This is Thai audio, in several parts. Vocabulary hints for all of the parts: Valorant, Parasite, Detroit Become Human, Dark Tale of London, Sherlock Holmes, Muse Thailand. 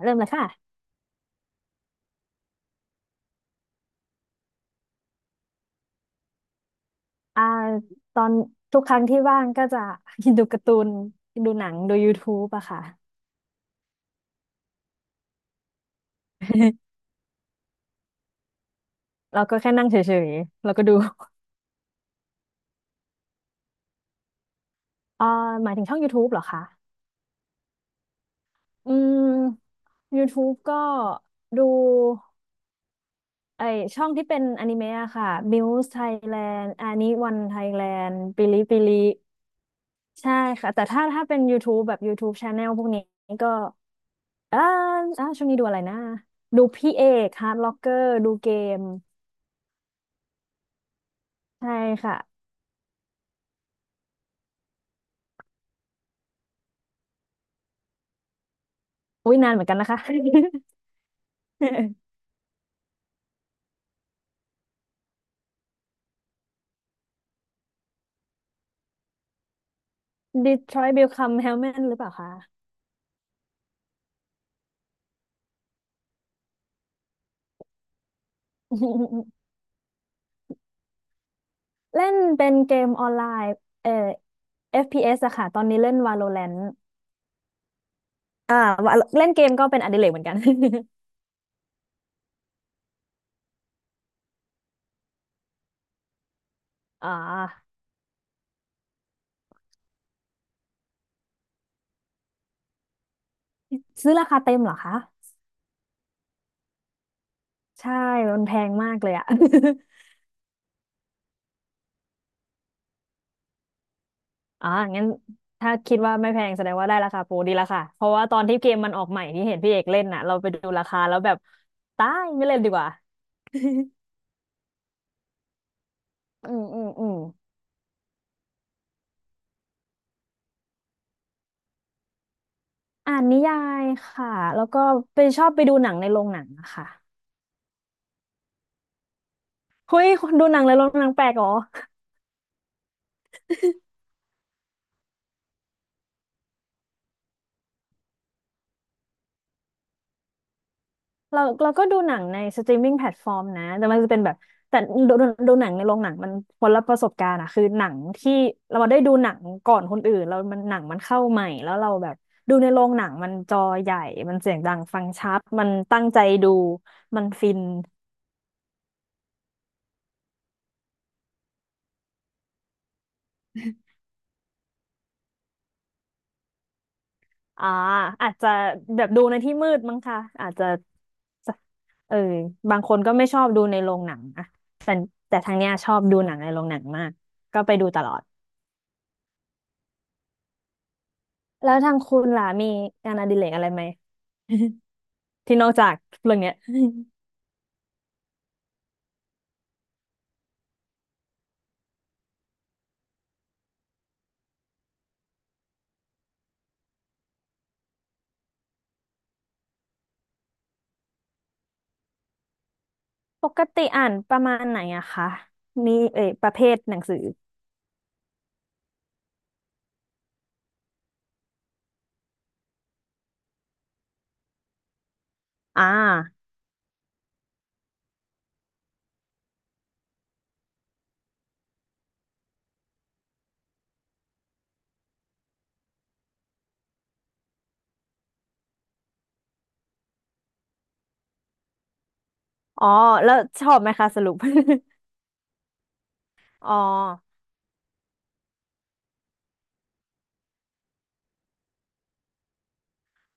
เริ่มเลยค่ะอ่าตอนทุกครั้งที่ว่างก็จะ ดูการ์ตูน ดูหนังดู YouTube อะค่ะเราก็แค่นั่งเฉยๆแล้วก็ดู อ่าหมายถึงช่อง YouTube เหรอคะอืม YouTube ก็ดูไอช่องที่เป็นอนิเมะอะค่ะ Muse Thailand อานิวัน Thailand ปิลิปิลิใช่ค่ะ แต่ถ้าเป็น YouTube แบบ YouTube Channel พวกนี้ก็อ่าช่วงนี้ดูอะไรนะ ดูพี่เอกฮาร์ดล็อกเกอร์ดูเกม ใช่ค่ะอุ้ยนานเหมือนกันนะคะ Detroit Become Human หรือเปล่าคะ เล่นเป็นเกมออนไลน์เอ่อ FPS อฟพีเอสอะค่ะตอนนี้เล่น Valorant อ่า เล่นเกมก็เป็นอดิเรกเหมือนกัน อ่าซื้อราคาเต็มเหรอคะใช่ มันแพงมากเลยอะ อ่างั้นถ้าคิดว่าไม่แพงแสดงว่าได้ราคาโปรดีละค่ะ เพราะว่าตอนที่เกมมันออกใหม่ที่เห็นพี่เอกเล่นน่ะเราไปดูราคาแล้วแบบตายไม่เล่นดีกว่า อืมอืมอืม อ่านนิยายค่ะแล้วก็ไปชอบไปดูหนังในโรงหนังอะค่ะเฮ้ยคนดูหนังในโรงหนังแปลกเหรอเราก็ดูหนังในสตรีมมิ่งแพลตฟอร์มนะแต่มันจะเป็นแบบแต่ดูหนังในโรงหนังมันคนละประสบการณ์อะคือหนังที่เราได้ดูหนังก่อนคนอื่นแล้วมันหนังมันเข้าใหม่แล้วเราแบบดูในโรงหนังมันจอใหญ่ มันเสียงดังฟังชัดมันตั้งใจดู มันฟิน อ่าอาจจะแบบดูในที่มืดมั้งค่ะอาจจะเออบางคนก็ไม่ชอบดูในโรงหนังอะแต่ทางเนี้ยชอบดูหนังในโรงหนังมากก็ไปดูตลอดแล้วทางคุณล่ะมีงานอดิเรกอะไรไหม ที่นอกจากเรื่องเนี้ย ปกติอ่านประมาณไหนอะคะมีเอยประเภทหนังสืออ่าอ๋อแล้วชอบไหมคะสรุป อ๋อ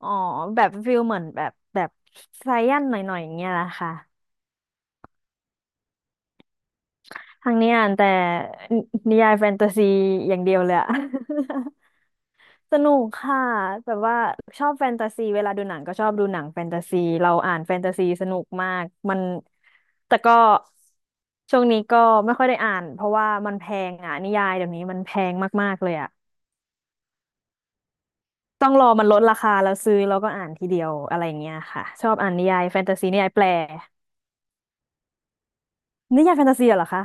อ๋อแบบฟิลเหมือนแบบไซแอนหน่อยๆอย่างเงี้ยละค่ะ ทั้งนี้อ่านแต่นิยายแฟนตาซีอย่างเดียวเลยอะ สนุกค่ะแบบว่าชอบแฟนตาซีเวลาดูหนังก็ชอบดูหนังแฟนตาซีเราอ่านแฟนตาซีสนุกมากมันแต่ก็ช่วงนี้ก็ไม่ค่อยได้อ่านเพราะว่ามันแพงอ่ะนิยายเดี๋ยวนี้มันแพงมากๆเลยอ่ะต้องรอมันลดราคาแล้วซื้อแล้วก็อ่านทีเดียวอะไรอย่างเงี้ยค่ะชอบอ่านนิยายแฟนตาซีนิยายแปลนิยายแฟนตาซีเหรอคะ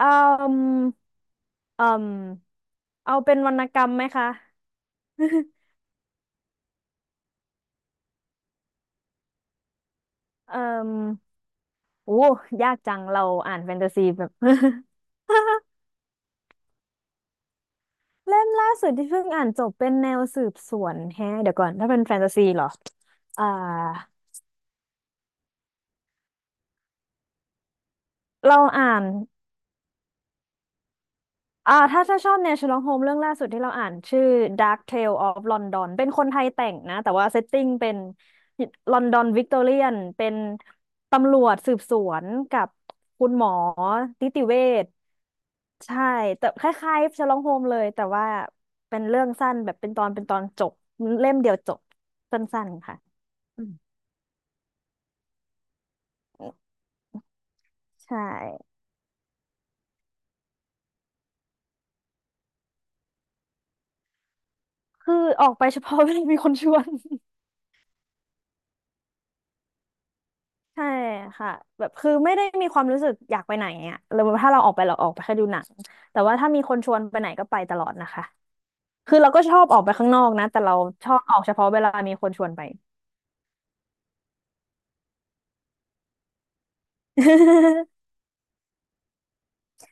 อืมอืมเอาเป็นวรรณกรรมไหมคะ เอ่อ โอ้ยากจังเราอ่านแฟนตาซีแบบ เล่มล่าสุดที่เพิ่งอ่านจบเป็นแนวสืบสวนแฮะเดี๋ยวก่อน ถ้าเป็นแฟนตาซีเหรออ่าเราอ่านอ่าถ้าชอบแนวเชอร์ล็อกโฮมเรื่องล่าสุดที่เราอ่านชื่อ Dark Tale of London เป็นคนไทยแต่งนะ แต่ว่าเซตติ้งเป็นลอนดอนวิกตอเรียนเป็นตำรวจสืบสวนกับคุณหมอนิติเวช ใช่แต่คล้ายๆ Sherlock Holmes เลยแต่ว่าเป็นเรื่องสั้นแบบเป็นตอนเป็นตอนจบเล่มเดียวจบสั้นๆค่ะอืมใช่คือออกไปเฉพาะ เวลามีคนชวนใช่ค่ะแบบคือไม่ได้มีความรู้สึกอยากไปไหนอ่ะหรือว่าถ้าเราออกไปเราออกไปแค่ดูหนังแต่ว่าถ้ามีคนชวนไปไหนก็ไปตลอดนะคะคือเราก็ชอบออกไปข้างนอกนะแต่เราชอบออกเฉพาะเวลามีคนชวนไป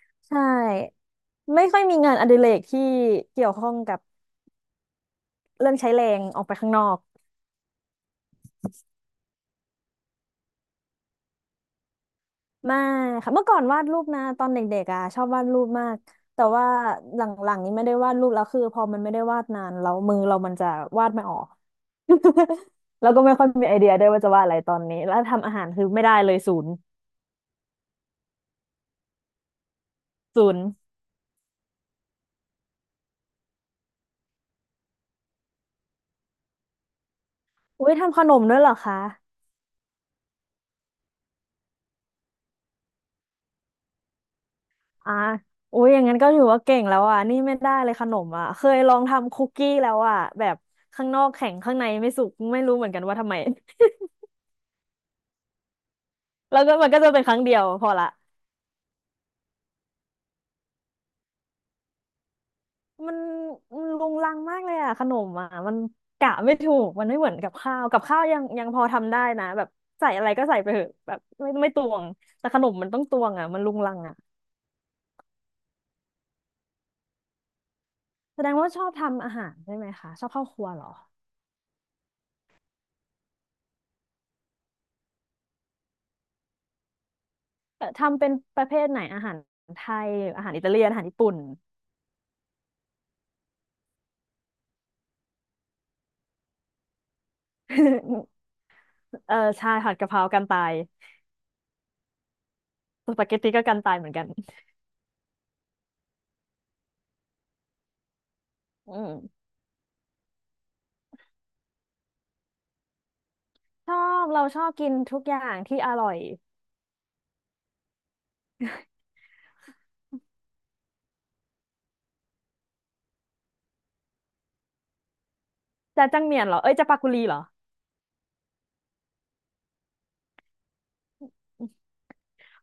ใช่ไม่ค่อยมีงานอดิเรกที่เกี่ยวข้องกับเรื่องใช้แรงออกไปข้างนอก ไม่ค่ะเมื่อก่อนวาดรูปนะตอนเด็กๆอ่ะชอบวาดรูปมากแต่ว่าหลังๆนี้ไม่ได้วาดรูปแล้วคือพอมันไม่ได้วาดนานแล้วมือเรามันจะวาดไม่ออก แล้วก็ไม่ค่อยมีไอเดียด้วยว่าจะวาดอะไรตอนนี้แล้วทำอาหารคือไม่ได้เลยศูนย์ศูนย์อุ้ยทำขนมด้วยเหรอคะอ่าอุ้ยอย่างนั้นก็ถือว่าเก่งแล้วอ่ะนี่ไม่ได้เลยขนมอ่ะเคยลองทำคุกกี้แล้วอ่ะแบบข้างนอกแข็งข้างในไม่สุกไม่รู้เหมือนกันว่าทำไม แล้วก็มันก็จะเป็นครั้งเดียวพอละ มันมันรุงรังมากเลยอ่ะขนมอ่ะมันกะไม่ถูกมันไม่เหมือนกับข้าวกับข้าวยังพอทำได้นะแบบใส่อะไรก็ใส่ไปเถอะแบบไม่ตวงแต่ขนมมันต้องตวงอ่ะมันรุงรังอ่ะแสดงว่าชอบทำอาหารใช่ไหมคะชอบเข้าครัวเหรอทำเป็นประเภทไหนอาหารไทยอาหารอิตาเลียนอาหารญี่ปุ่น เออใช่ผัดกะเพรากันตายสปาเกตตี้ก็กันตายเหมือนกันอืมชอบเราชอบกินทุกอย่างที่อร่อยจะจังเหมียนเหรอเอ้ยจะปากุลีเหรอ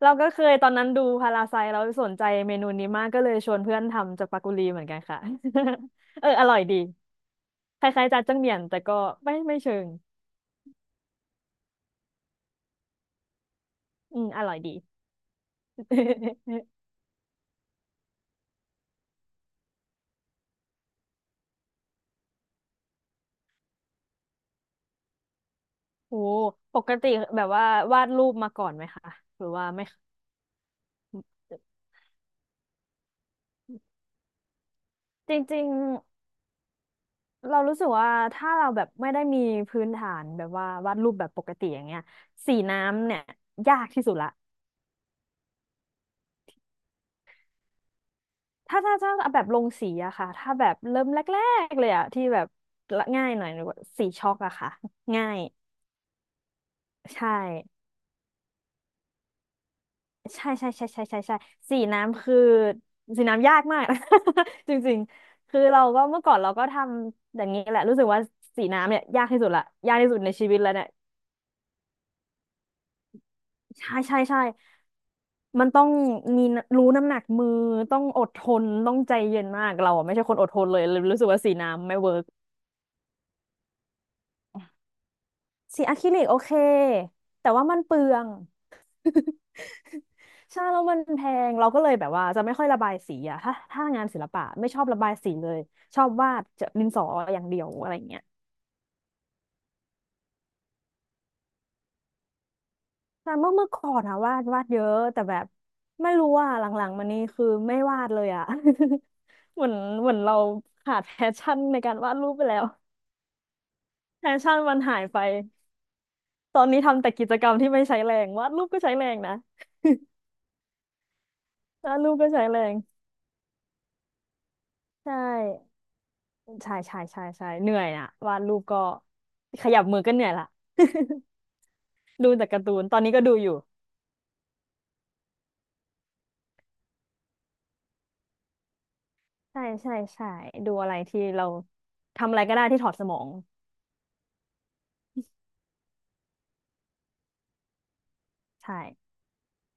เราก็เคยตอนนั้นดูพาราไซเราสนใจเมนูนี้มากก็เลยชวนเพื่อนทำจากปากุลีเหมือนกันค่ะ เอออร่อยดีคล้ายๆจาจังเหมียนแต่ก็ไม่เชิงอืมอร่อยดี โอ้ปกติแบบว่าวาดรูปมาก่อนไหมคะหรือว่าไม่จริงๆเรารู้สึกว่าถ้าเราแบบไม่ได้มีพื้นฐานแบบว่าวาดรูปแบบปกติอย่างเงี้ยสีน้ำเนี่ยยากที่สุดละ ถ้าแบบลงสีอะค่ะถ้าแบบเริ่มแรกๆเลยอะที่แบบละง่ายหน่อยหรือว่าสีช็อกอะค่ะง่ายใช่ใช่ใช่ใช่ใช่ใช่ใช่สีน้ำคือสีน้ำยากมาก จริงๆคือเราก็เมื่อก่อนเราก็ทำอย่างนี้แหละรู้สึกว่าสีน้ำเนี่ยยากที่สุดละยากที่สุดในชีวิตแล้วเนี่ยใช่ใช่ใช่มันต้องมีรู้น้ำหนักมือต้องอดทนต้องใจเย็นมากเราอะไม่ใช่คนอดทนเลยเลยรู้สึกว่าสีน้ำไม่เวิร์ก สีอะคริลิกโอเคแต่ว่ามันเปลือง ใช่แล้วมันแพงเราก็เลยแบบว่าจะไม่ค่อยระบายสีอะถ้าถ้างานศิลปะไม่ชอบระบายสีเลยชอบวาดจะดินสออย่างเดียวอะไรเงี้ยแต่เมื่อก่อนอะวาดเยอะแต่แบบไม่รู้ว่าหลังๆมานี้คือไม่วาดเลยอะ เหมือนเหมือนเราขาดแพชชั่นในการวาดรูปไปแล้วแพชชั่นมันหายไปตอนนี้ทำแต่กิจกรรมที่ไม่ใช้แรงวาดรูปก็ใช้แรงนะวาดรูปก็ใช้แรงใช่ ใช่ใช่ใช่ใช่เหนื่อยนะวาดรูปก็ขยับมือก็เหนื่อยละ ดูแต่การ์ตูนตอนนี้ก็ดูอยู่ใช่ใช่ใช่ดูอะไรที่เราทำอะไรก็ได้ที่ถอดสมองใช่